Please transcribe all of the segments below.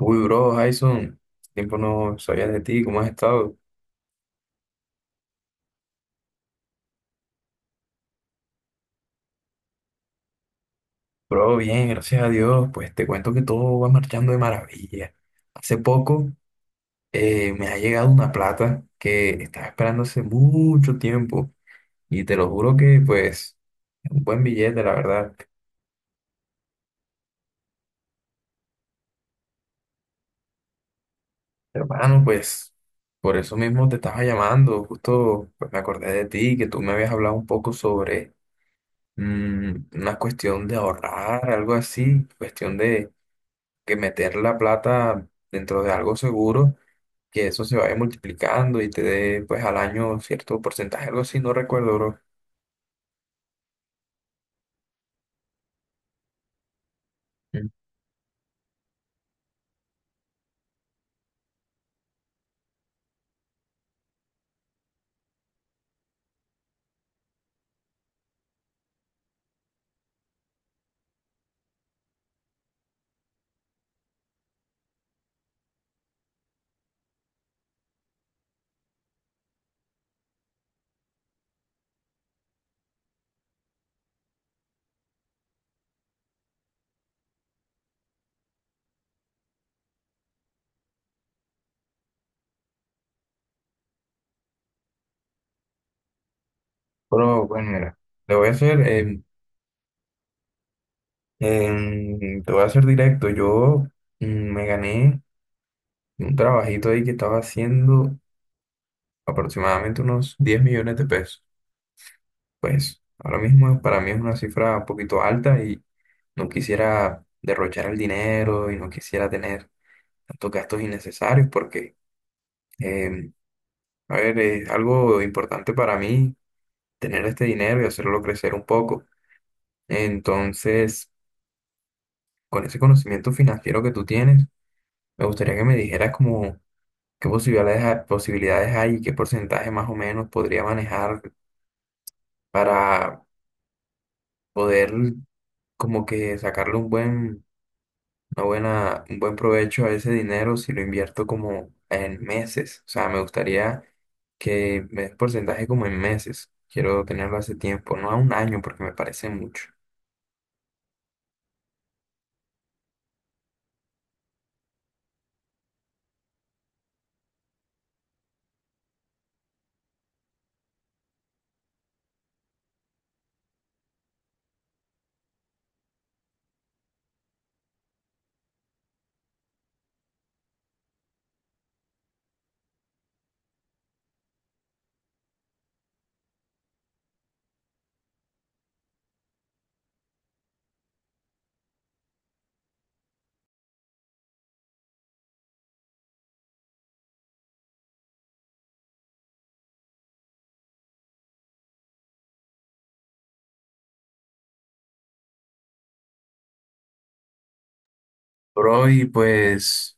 Uy, bro, Jason, tiempo no sabía de ti, ¿cómo has estado? Bro, bien, gracias a Dios, pues te cuento que todo va marchando de maravilla. Hace poco me ha llegado una plata que estaba esperando hace mucho tiempo y te lo juro que pues es un buen billete, la verdad. Hermano, pues por eso mismo te estaba llamando, justo pues, me acordé de ti, que tú me habías hablado un poco sobre una cuestión de ahorrar, algo así, cuestión de que meter la plata dentro de algo seguro, que eso se vaya multiplicando y te dé pues al año cierto porcentaje, algo así, no recuerdo, bro. Mm. Pero bueno, mira, lo voy a hacer, te voy a hacer directo. Yo me gané un trabajito ahí que estaba haciendo aproximadamente unos 10.000.000 de pesos. Pues ahora mismo para mí es una cifra un poquito alta y no quisiera derrochar el dinero y no quisiera tener tantos gastos innecesarios porque em, a ver, es algo importante para mí tener este dinero y hacerlo crecer un poco. Entonces, con ese conocimiento financiero que tú tienes, me gustaría que me dijeras como qué posibilidades, posibilidades hay y qué porcentaje más o menos podría manejar para poder como que sacarle un buen, una buena, un buen provecho a ese dinero si lo invierto como en meses. O sea, me gustaría que me des porcentaje como en meses. Quiero tenerlo hace tiempo, no a un año porque me parece mucho. Bro, y pues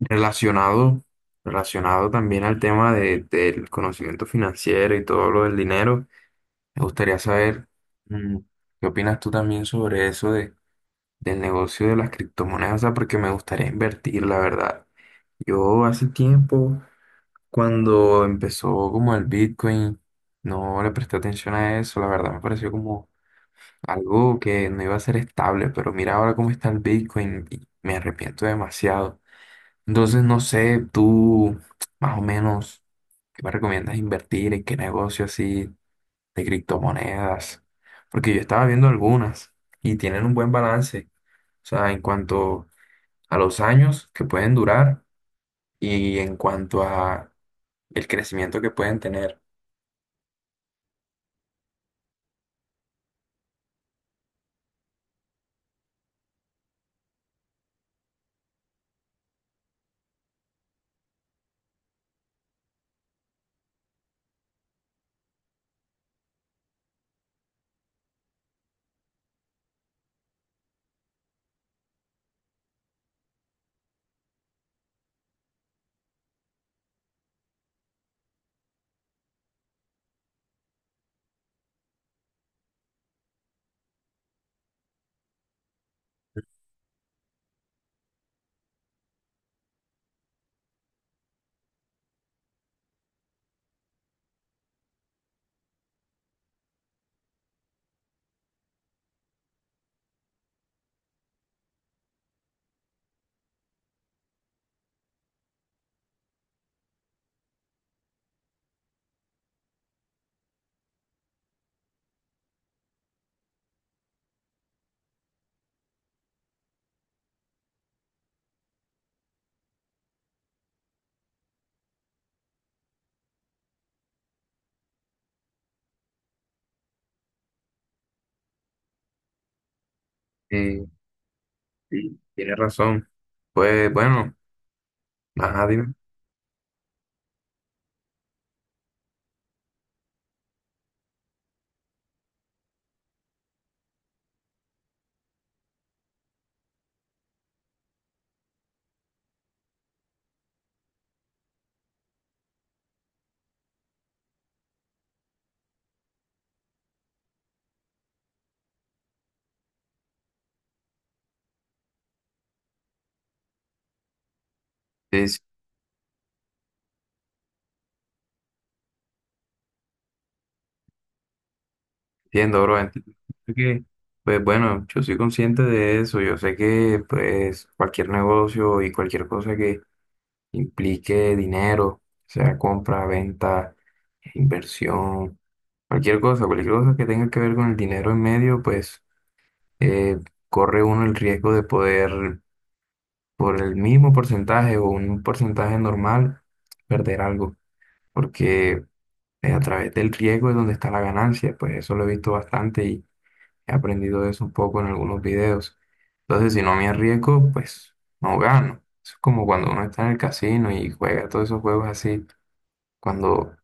relacionado, relacionado también al tema de, del conocimiento financiero y todo lo del dinero, me gustaría saber mm, qué opinas tú también sobre eso de, del negocio de las criptomonedas, o sea, porque me gustaría invertir, la verdad. Yo hace tiempo, cuando empezó como el Bitcoin, no le presté atención a eso, la verdad me pareció como algo que no iba a ser estable, pero mira ahora cómo está el Bitcoin y me arrepiento demasiado. Entonces, no sé, tú más o menos, ¿qué me recomiendas invertir? ¿En qué negocio así de criptomonedas? Porque yo estaba viendo algunas y tienen un buen balance. O sea, en cuanto a los años que pueden durar y en cuanto a el crecimiento que pueden tener. Eh, sí, tienes razón. Pues bueno, ajá, dime. Sí, sí. Entiendo, bro. Entiendo que, pues bueno, yo soy consciente de eso. Yo sé que, pues, cualquier negocio y cualquier cosa que implique dinero, sea compra, venta, inversión, cualquier cosa que tenga que ver con el dinero en medio, pues, eh, corre uno el riesgo de poder, por el mismo porcentaje o un porcentaje normal, perder algo. Porque a través del riesgo es donde está la ganancia. Pues eso lo he visto bastante. He aprendido eso un poco en algunos videos. Entonces, si no me arriesgo, pues no gano. Eso es como cuando uno está en el casino y juega todos esos juegos así. Cuando,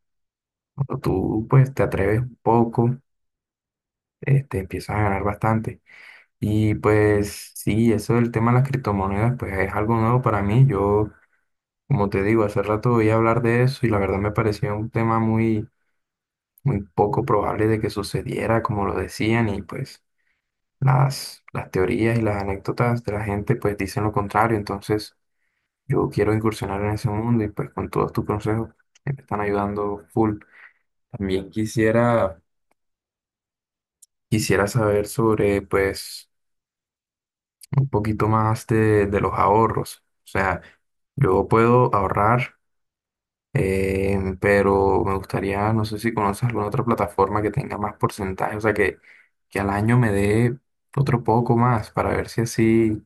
cuando tú pues te atreves un poco, este, empiezas a ganar bastante. Y pues sí, eso del tema de las criptomonedas, pues es algo nuevo para mí. Yo, como te digo, hace rato voy a hablar de eso y la verdad me parecía un tema muy, muy poco probable de que sucediera, como lo decían, y pues. Las teorías y las anécdotas de la gente pues dicen lo contrario, entonces yo quiero incursionar en ese mundo y pues con todos tus consejos que me están ayudando full. También quisiera, quisiera saber sobre pues un poquito más de los ahorros. O sea, yo puedo ahorrar. Em, pero me gustaría, no sé si conoces alguna otra plataforma que tenga más porcentaje, o sea, que al año me dé otro poco más para ver si así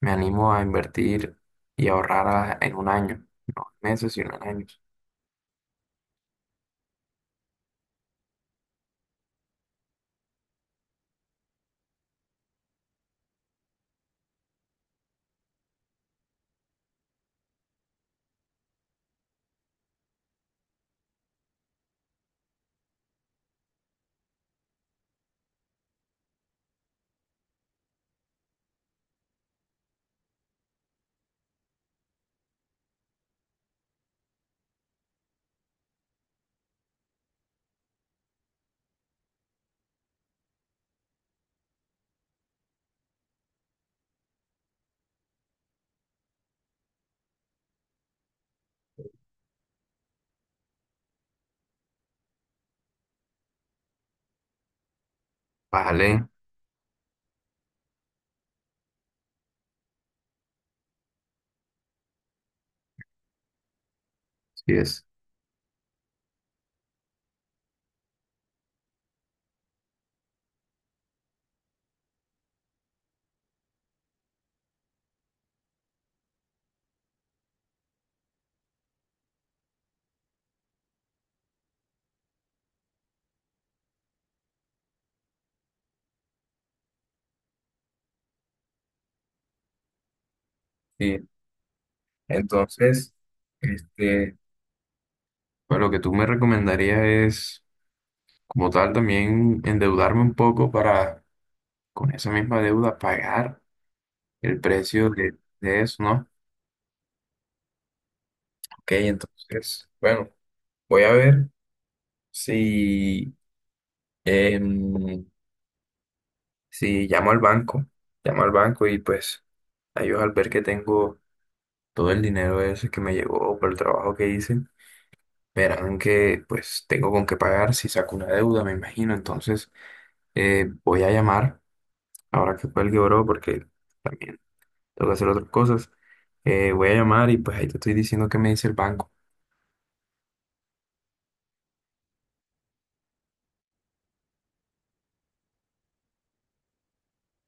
me animo a invertir y ahorrar en un año, no en meses, sino en años. Vale, sí es. Sí. Entonces, este, pues lo que tú me recomendarías es, como tal, también endeudarme un poco para, con esa misma deuda, pagar el precio de eso, ¿no? Ok, entonces, bueno, voy a ver si, em, si llamo al banco, llamo al banco y pues a ellos al ver que tengo todo el dinero ese que me llegó por el trabajo que hice, verán que pues tengo con qué pagar si saco una deuda, me imagino. Entonces, voy a llamar, ahora que cuelgue, bro, porque también tengo que hacer otras cosas. Voy a llamar y pues ahí te estoy diciendo qué me dice el banco.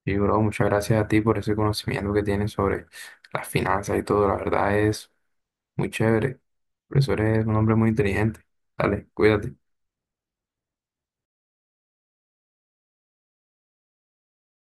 Sí, bro, muchas gracias a ti por ese conocimiento que tienes sobre las finanzas y todo. La verdad es muy chévere. Por eso eres un hombre muy inteligente. Dale, cuídate.